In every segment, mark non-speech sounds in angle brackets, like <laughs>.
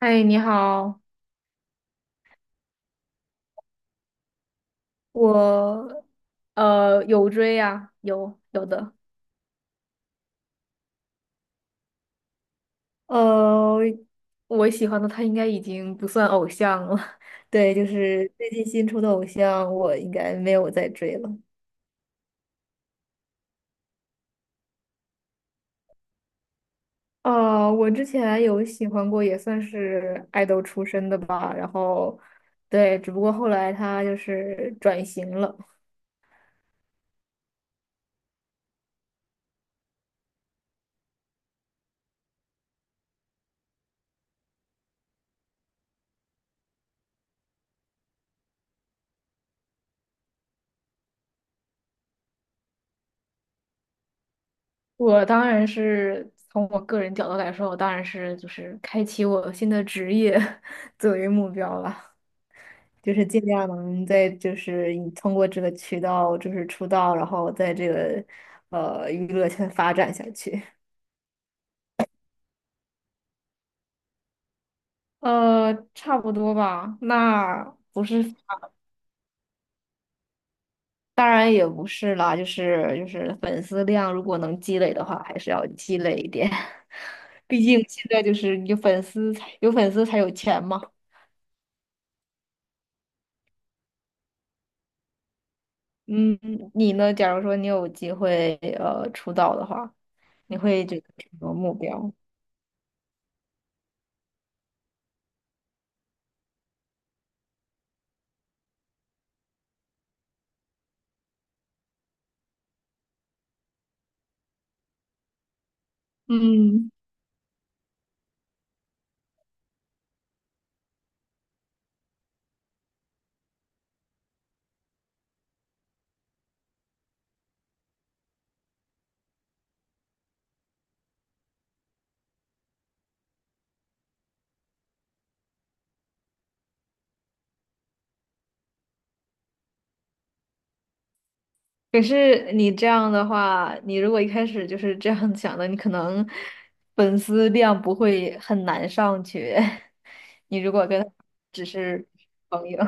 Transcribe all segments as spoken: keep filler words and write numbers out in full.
嗨，你好，我呃有追呀、有有的，呃，我喜欢的他应该已经不算偶像了，<laughs> 对，就是最近新出的偶像，我应该没有再追了。呃，我之前有喜欢过，也算是爱豆出身的吧，然后，对，只不过后来他就是转型了。我当然是从我个人角度来说，我当然是就是开启我新的职业 <laughs> 作为目标了。就是尽量能在就是你通过这个渠道就是出道，然后在这个呃娱乐圈发展下去。呃，差不多吧。那不是，当然也不是啦，就是就是粉丝量如果能积累的话，还是要积累一点。<laughs> 毕竟现在就是有粉丝才有粉丝才有钱嘛。嗯，你呢？假如说你有机会呃出道的话，你会觉得什么目标？嗯。可是你这样的话，你如果一开始就是这样想的，你可能粉丝量不会很难上去。<laughs> 你如果跟他只是朋友，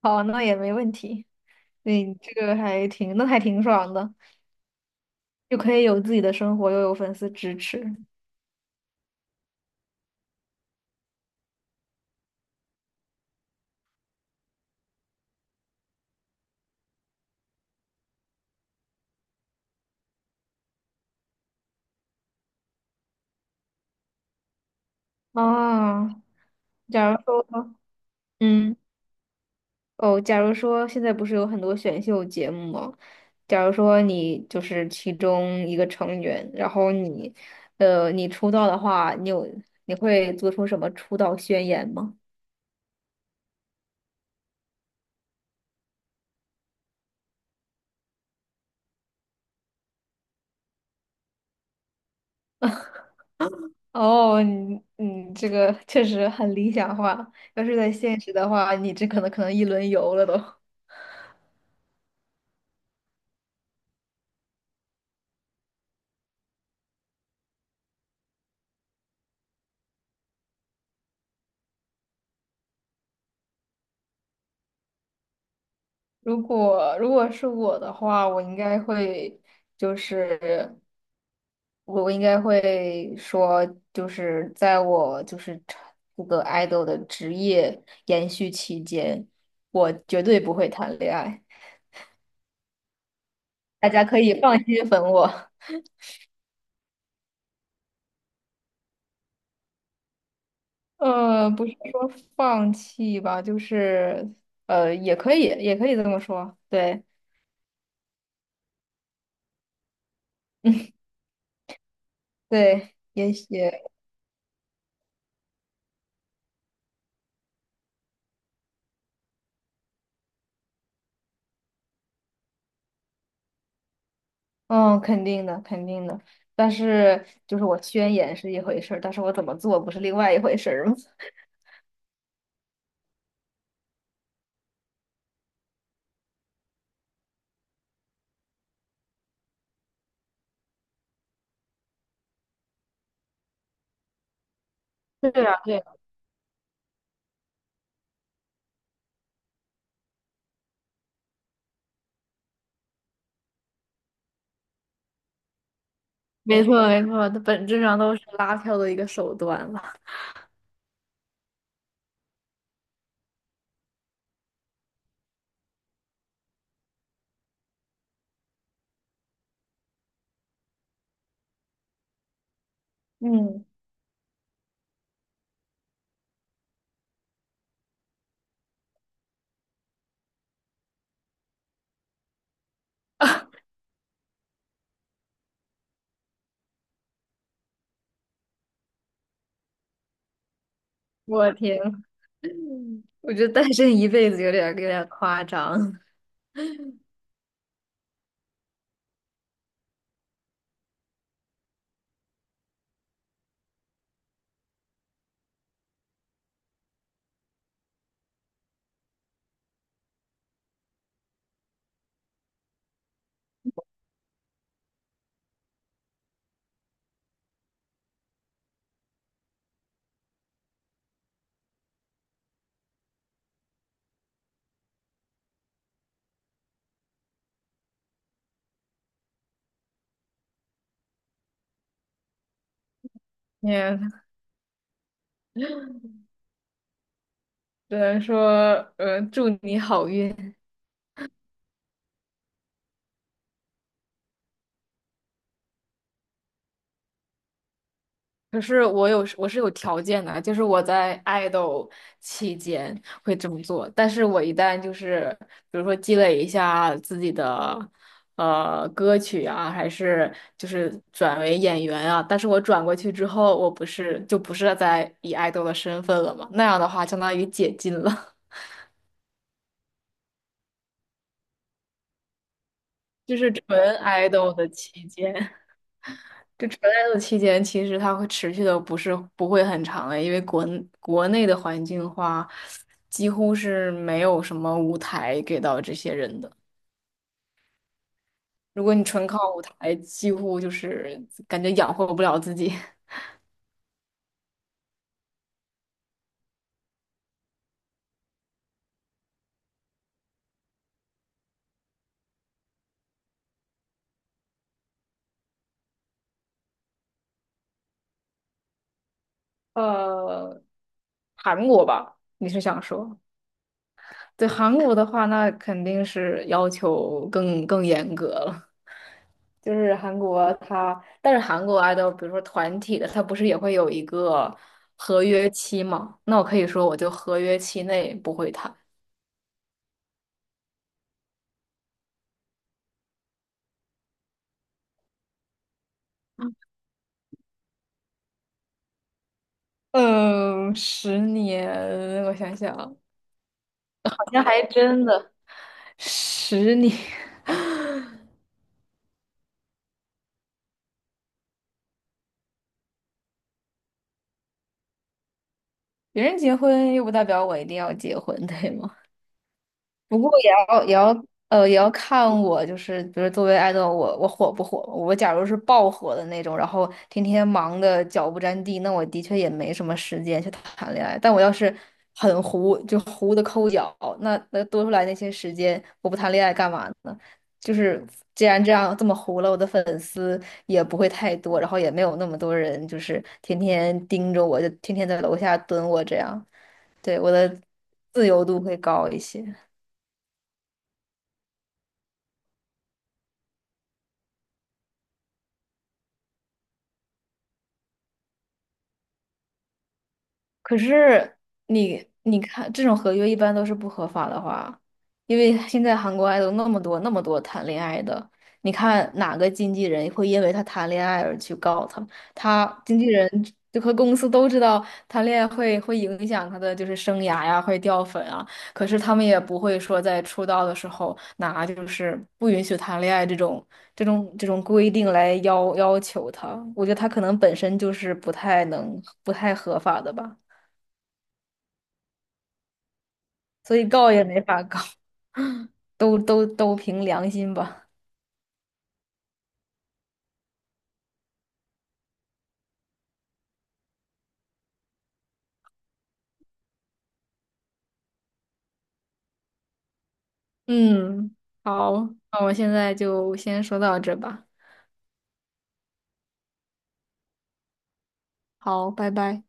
好，那也没问题。对，这个还挺，那还挺爽的，又可以有自己的生活，又有粉丝支持啊。假如说，嗯。哦，假如说现在不是有很多选秀节目吗？假如说你就是其中一个成员，然后你，呃，你出道的话，你有你会做出什么出道宣言吗？哦，你你这个确实很理想化。要是在现实的话，你这可能可能一轮游了都。如果如果是我的话，我应该会就是。我应该会说，就是在我就是这个 idol 的职业延续期间，我绝对不会谈恋爱，大家可以放心粉我。<laughs> 呃，不是说放弃吧，就是呃，也可以，也可以这么说，对。<laughs> 对，也许，嗯，肯定的，肯定的。但是，就是我宣言是一回事儿，但是我怎么做不是另外一回事儿吗？<laughs> 对啊，对啊没错没错，它本质上都是拉票的一个手段了。嗯，我天，我觉得单身一辈子有点有点夸张，也只能说，呃，祝你好运。可是我有我是有条件的，就是我在爱豆期间会这么做，但是我一旦就是比如说积累一下自己的呃歌曲啊，还是就是转为演员啊，但是我转过去之后，我不是就不是在以爱豆的身份了嘛，那样的话相当于解禁了，<laughs> 就是纯爱豆的期间。这存在的期间，其实它会持续的不是不会很长的，因为国国内的环境的话，几乎是没有什么舞台给到这些人的。如果你纯靠舞台，几乎就是感觉养活不了自己。<laughs> 呃，韩国吧，你是想说？对，韩国的话，那肯定是要求更更严格了。就是韩国他，但是韩国 idol，比如说团体的，他不是也会有一个合约期吗？那我可以说，我就合约期内不会谈。嗯，十年，我想想，好像还真的。十年，<laughs> 别人结婚又不代表我一定要结婚，对吗？不过也要也要呃也要看我，就是比如作为爱豆，我我火不火？我假如是爆火的那种，然后天天忙的脚不沾地，那我的确也没什么时间去谈恋爱。但我要是很糊，就糊的抠脚，那那多出来那些时间，我不谈恋爱干嘛呢？就是既然这样这么糊了，我的粉丝也不会太多，然后也没有那么多人，就是天天盯着我，就天天在楼下蹲我这样，对，我的自由度会高一些。可是你你看，这种合约一般都是不合法的话，因为现在韩国 idol 那么多那么多谈恋爱的，你看哪个经纪人会因为他谈恋爱而去告他？他经纪人就和公司都知道谈恋爱会会影响他的就是生涯呀，会掉粉啊。可是他们也不会说在出道的时候拿就是不允许谈恋爱这种这种这种规定来要要求他。我觉得他可能本身就是不太能不太合法的吧。所以告也没法告，<laughs> 都都都凭良心吧。嗯，好，那我现在就先说到这吧。好，拜拜。